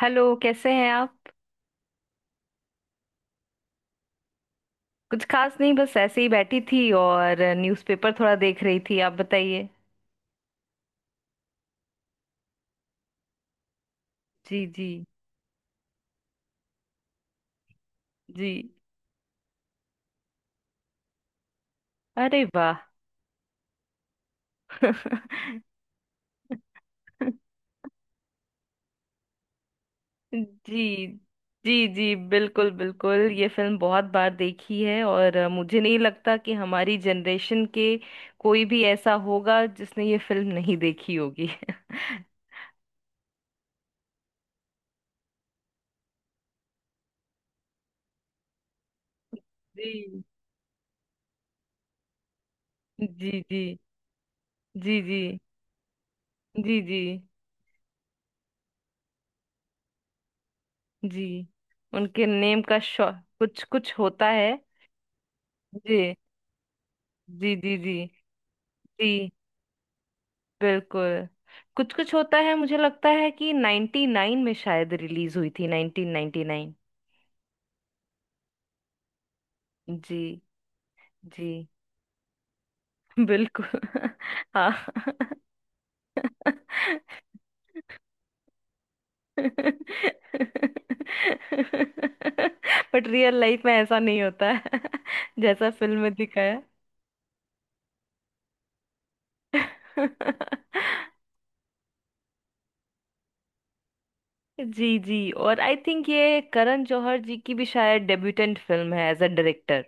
Hello, कैसे हैं आप। कुछ खास नहीं, बस ऐसे ही बैठी थी और न्यूज़पेपर थोड़ा देख रही थी। आप बताइए। जी जी जी। अरे वाह। जी जी जी। बिल्कुल बिल्कुल, ये फिल्म बहुत बार देखी है और मुझे नहीं लगता कि हमारी जनरेशन के कोई भी ऐसा होगा जिसने ये फिल्म नहीं देखी होगी। जी जी जी जी। जी जी जी जी। उनके नेम का शौ। कुछ कुछ होता है। जी जी जी जी। जी बिल्कुल। कुछ कुछ होता है, मुझे लगता है कि 99 में शायद रिलीज हुई थी, 1999। जी जी। बिल्कुल। हाँ। बट रियल लाइफ में ऐसा नहीं होता है, जैसा फिल्म में दिखाया। जी जी। और आई थिंक ये करण जौहर जी की भी शायद डेब्यूटेंट फिल्म है एज अ डायरेक्टर।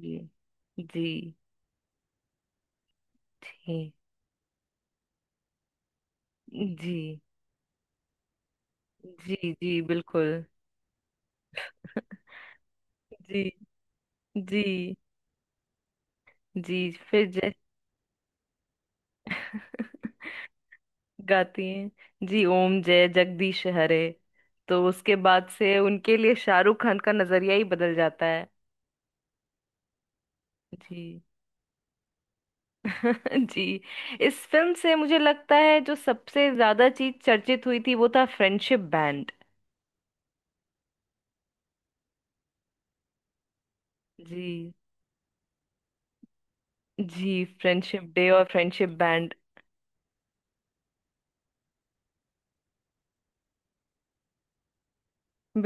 जी जी। ठीक। जी जी जी बिल्कुल। जी जी जी। फिर जय। गाती हैं। जी, ओम जय जगदीश हरे। तो उसके बाद से उनके लिए शाहरुख खान का नजरिया ही बदल जाता है। जी। जी। इस फिल्म से मुझे लगता है जो सबसे ज्यादा चीज चर्चित हुई थी वो था फ्रेंडशिप बैंड। जी। जी, फ्रेंडशिप डे और फ्रेंडशिप बैंड।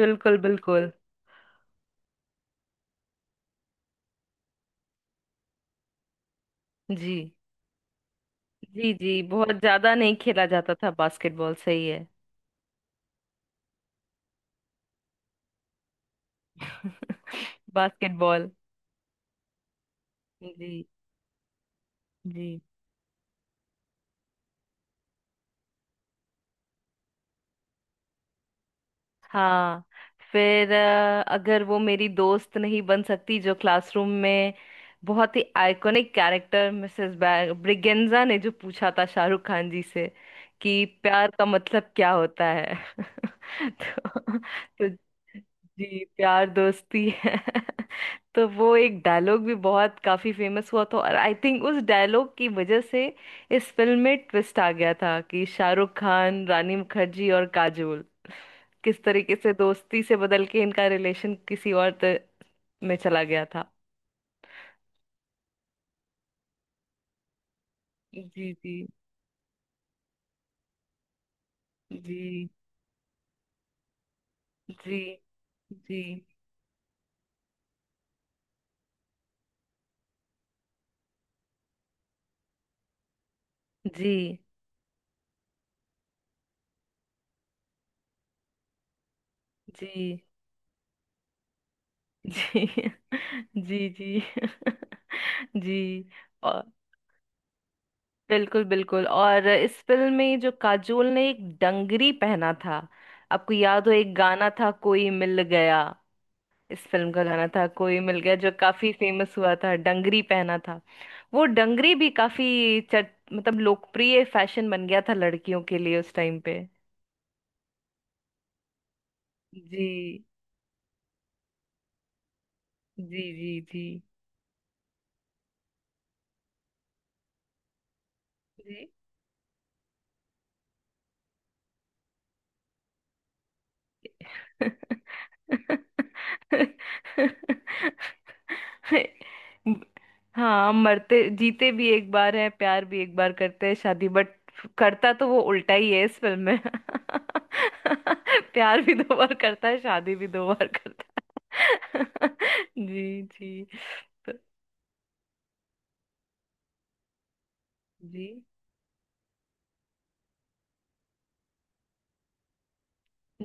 बिल्कुल बिल्कुल। जी जी। जी, बहुत ज्यादा नहीं खेला जाता था बास्केटबॉल, सही है। बास्केटबॉल। जी जी। हाँ। फिर अगर वो मेरी दोस्त नहीं बन सकती जो क्लासरूम में। बहुत ही आइकॉनिक कैरेक्टर मिसेस ब्रिगेंजा ने जो पूछा था शाहरुख खान जी से कि प्यार का मतलब क्या होता है। तो। जी, प्यार दोस्ती है। तो वो एक डायलॉग भी बहुत काफी फेमस हुआ था और आई थिंक उस डायलॉग की वजह से इस फिल्म में ट्विस्ट आ गया था कि शाहरुख खान, रानी मुखर्जी और काजोल किस तरीके से दोस्ती से बदल के इनका रिलेशन किसी और में चला गया था। जी जी जी जी। जी जी जी जी। जी जी। जी बिल्कुल बिल्कुल। और इस फिल्म में जो काजोल ने एक डंगरी पहना था, आपको याद हो, एक गाना था कोई मिल गया। इस फिल्म का गाना था कोई मिल गया जो काफी फेमस हुआ था, डंगरी पहना था। वो डंगरी भी काफी चट मतलब लोकप्रिय फैशन बन गया था लड़कियों के लिए उस टाइम पे। जी जी जी जी जी। हाँ, मरते जीते भी एक बार है, प्यार भी एक बार करते हैं शादी, बट करता तो वो उल्टा ही है इस फिल्म में। प्यार भी दो बार करता है, शादी भी दो बार करता है। जी जी। तो जी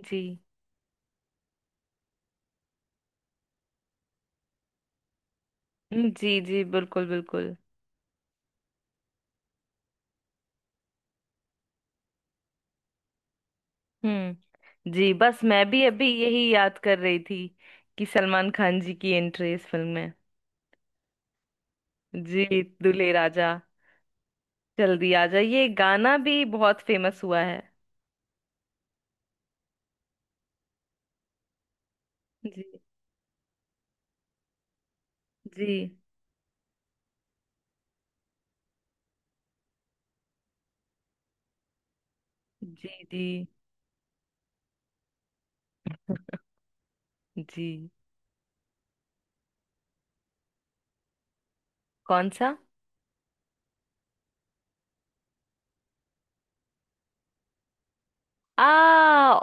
जी जी जी बिल्कुल बिल्कुल। हम्म, जी, बस मैं भी अभी यही याद कर रही थी कि सलमान खान जी की एंट्री इस फिल्म में। जी, दुल्हे राजा। जल्दी आ जाइए, गाना भी बहुत फेमस हुआ है। जी जी जी जी जी। कौन सा। आ,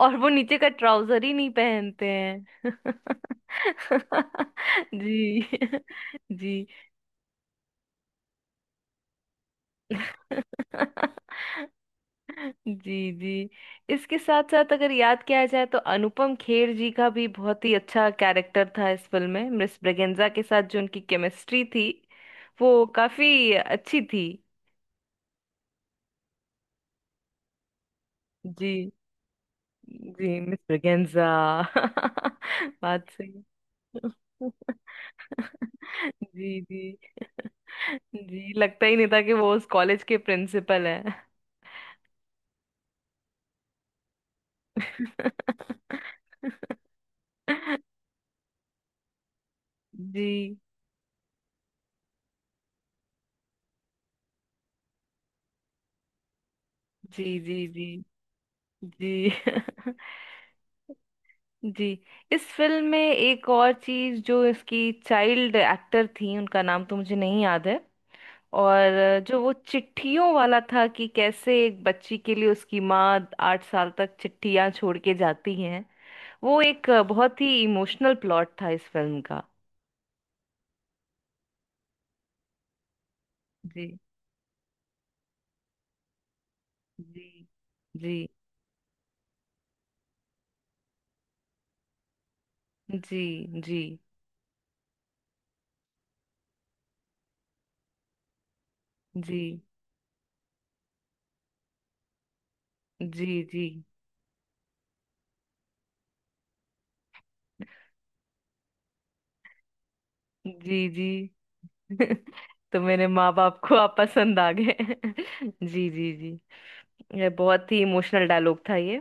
और वो नीचे का ट्राउजर ही नहीं पहनते हैं। जी जी जी जी। इसके साथ साथ अगर याद किया जाए तो अनुपम खेर जी का भी बहुत ही अच्छा कैरेक्टर था इस फिल्म में। मिस ब्रेगेंजा के साथ जो उनकी केमिस्ट्री थी, वो काफी अच्छी थी। जी जी, मिस ब्रेगेंजा। बात सही। जी जी। जी, लगता ही नहीं था कि वो उस कॉलेज के प्रिंसिपल है। जी जी जी जी जी। जी। इस फिल्म में एक और चीज जो इसकी चाइल्ड एक्टर थी, उनका नाम तो मुझे नहीं याद है। और जो वो चिट्ठियों वाला था कि कैसे एक बच्ची के लिए उसकी माँ 8 साल तक चिट्ठियां छोड़ के जाती हैं। वो एक बहुत ही इमोशनल प्लॉट था इस फिल्म का। जी जी जी जी जी जी जी जी जी जी। तो मेरे माँ बाप को आप पसंद आ गए। जी जी जी। ये बहुत ही इमोशनल डायलॉग था ये।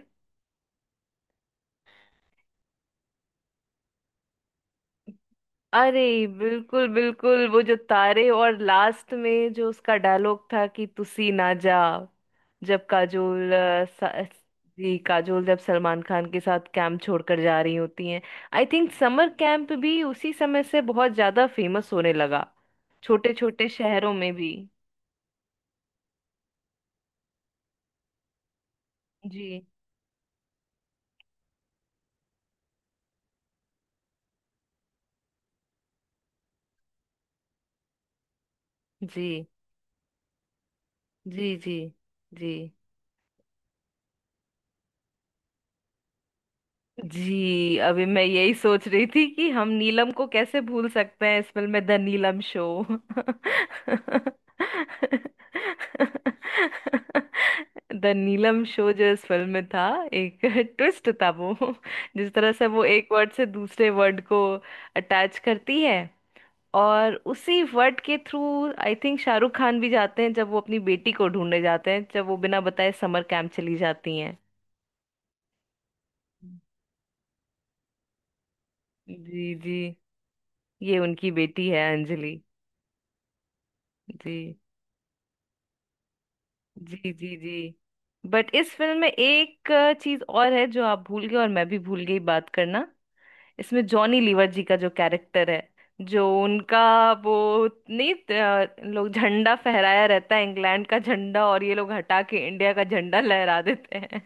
अरे बिल्कुल बिल्कुल, वो जो तारे और लास्ट में जो उसका डायलॉग था कि तुसी ना जा। जब काजोल जी, काजोल जब सलमान खान के साथ कैंप छोड़कर जा रही होती हैं। आई थिंक समर कैंप भी उसी समय से बहुत ज्यादा फेमस होने लगा, छोटे छोटे शहरों में भी। जी जी जी जी जी जी। अभी मैं यही सोच रही थी कि हम नीलम को कैसे भूल सकते हैं इस फिल्म में, the Neelam show. The Neelam show जो इस फिल्म में था, एक ट्विस्ट था वो, जिस तरह से वो एक वर्ड से दूसरे वर्ड को अटैच करती है। और उसी वर्ड के through I think Shahrukh Khan भी जाते हैं जब वो अपनी बेटी को ढूंढने जाते हैं, जब वो बिना बताए समर कैंप चली जाती हैं। जी जी, ये उनकी बेटी है अंजलि। जी जी जी जी। बट इस फिल्म में एक चीज और है जो आप भूल गए और मैं भी भूल गई बात करना। इसमें जॉनी लीवर जी का जो कैरेक्टर है, जो उनका वो नहीं, लोग झंडा फहराया रहता है इंग्लैंड का झंडा और ये लोग हटा के इंडिया का झंडा लहरा देते हैं।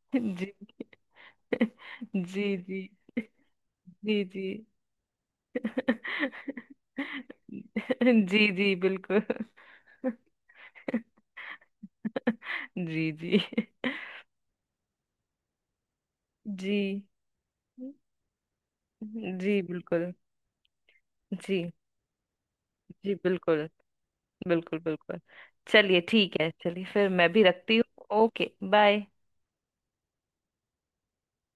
जी जी जी जी जी। जी जी बिल्कुल। जी जी जी जी बिल्कुल। जी जी बिल्कुल बिल्कुल बिल्कुल। चलिए, ठीक है, चलिए, फिर मैं भी रखती हूँ। ओके। बाय।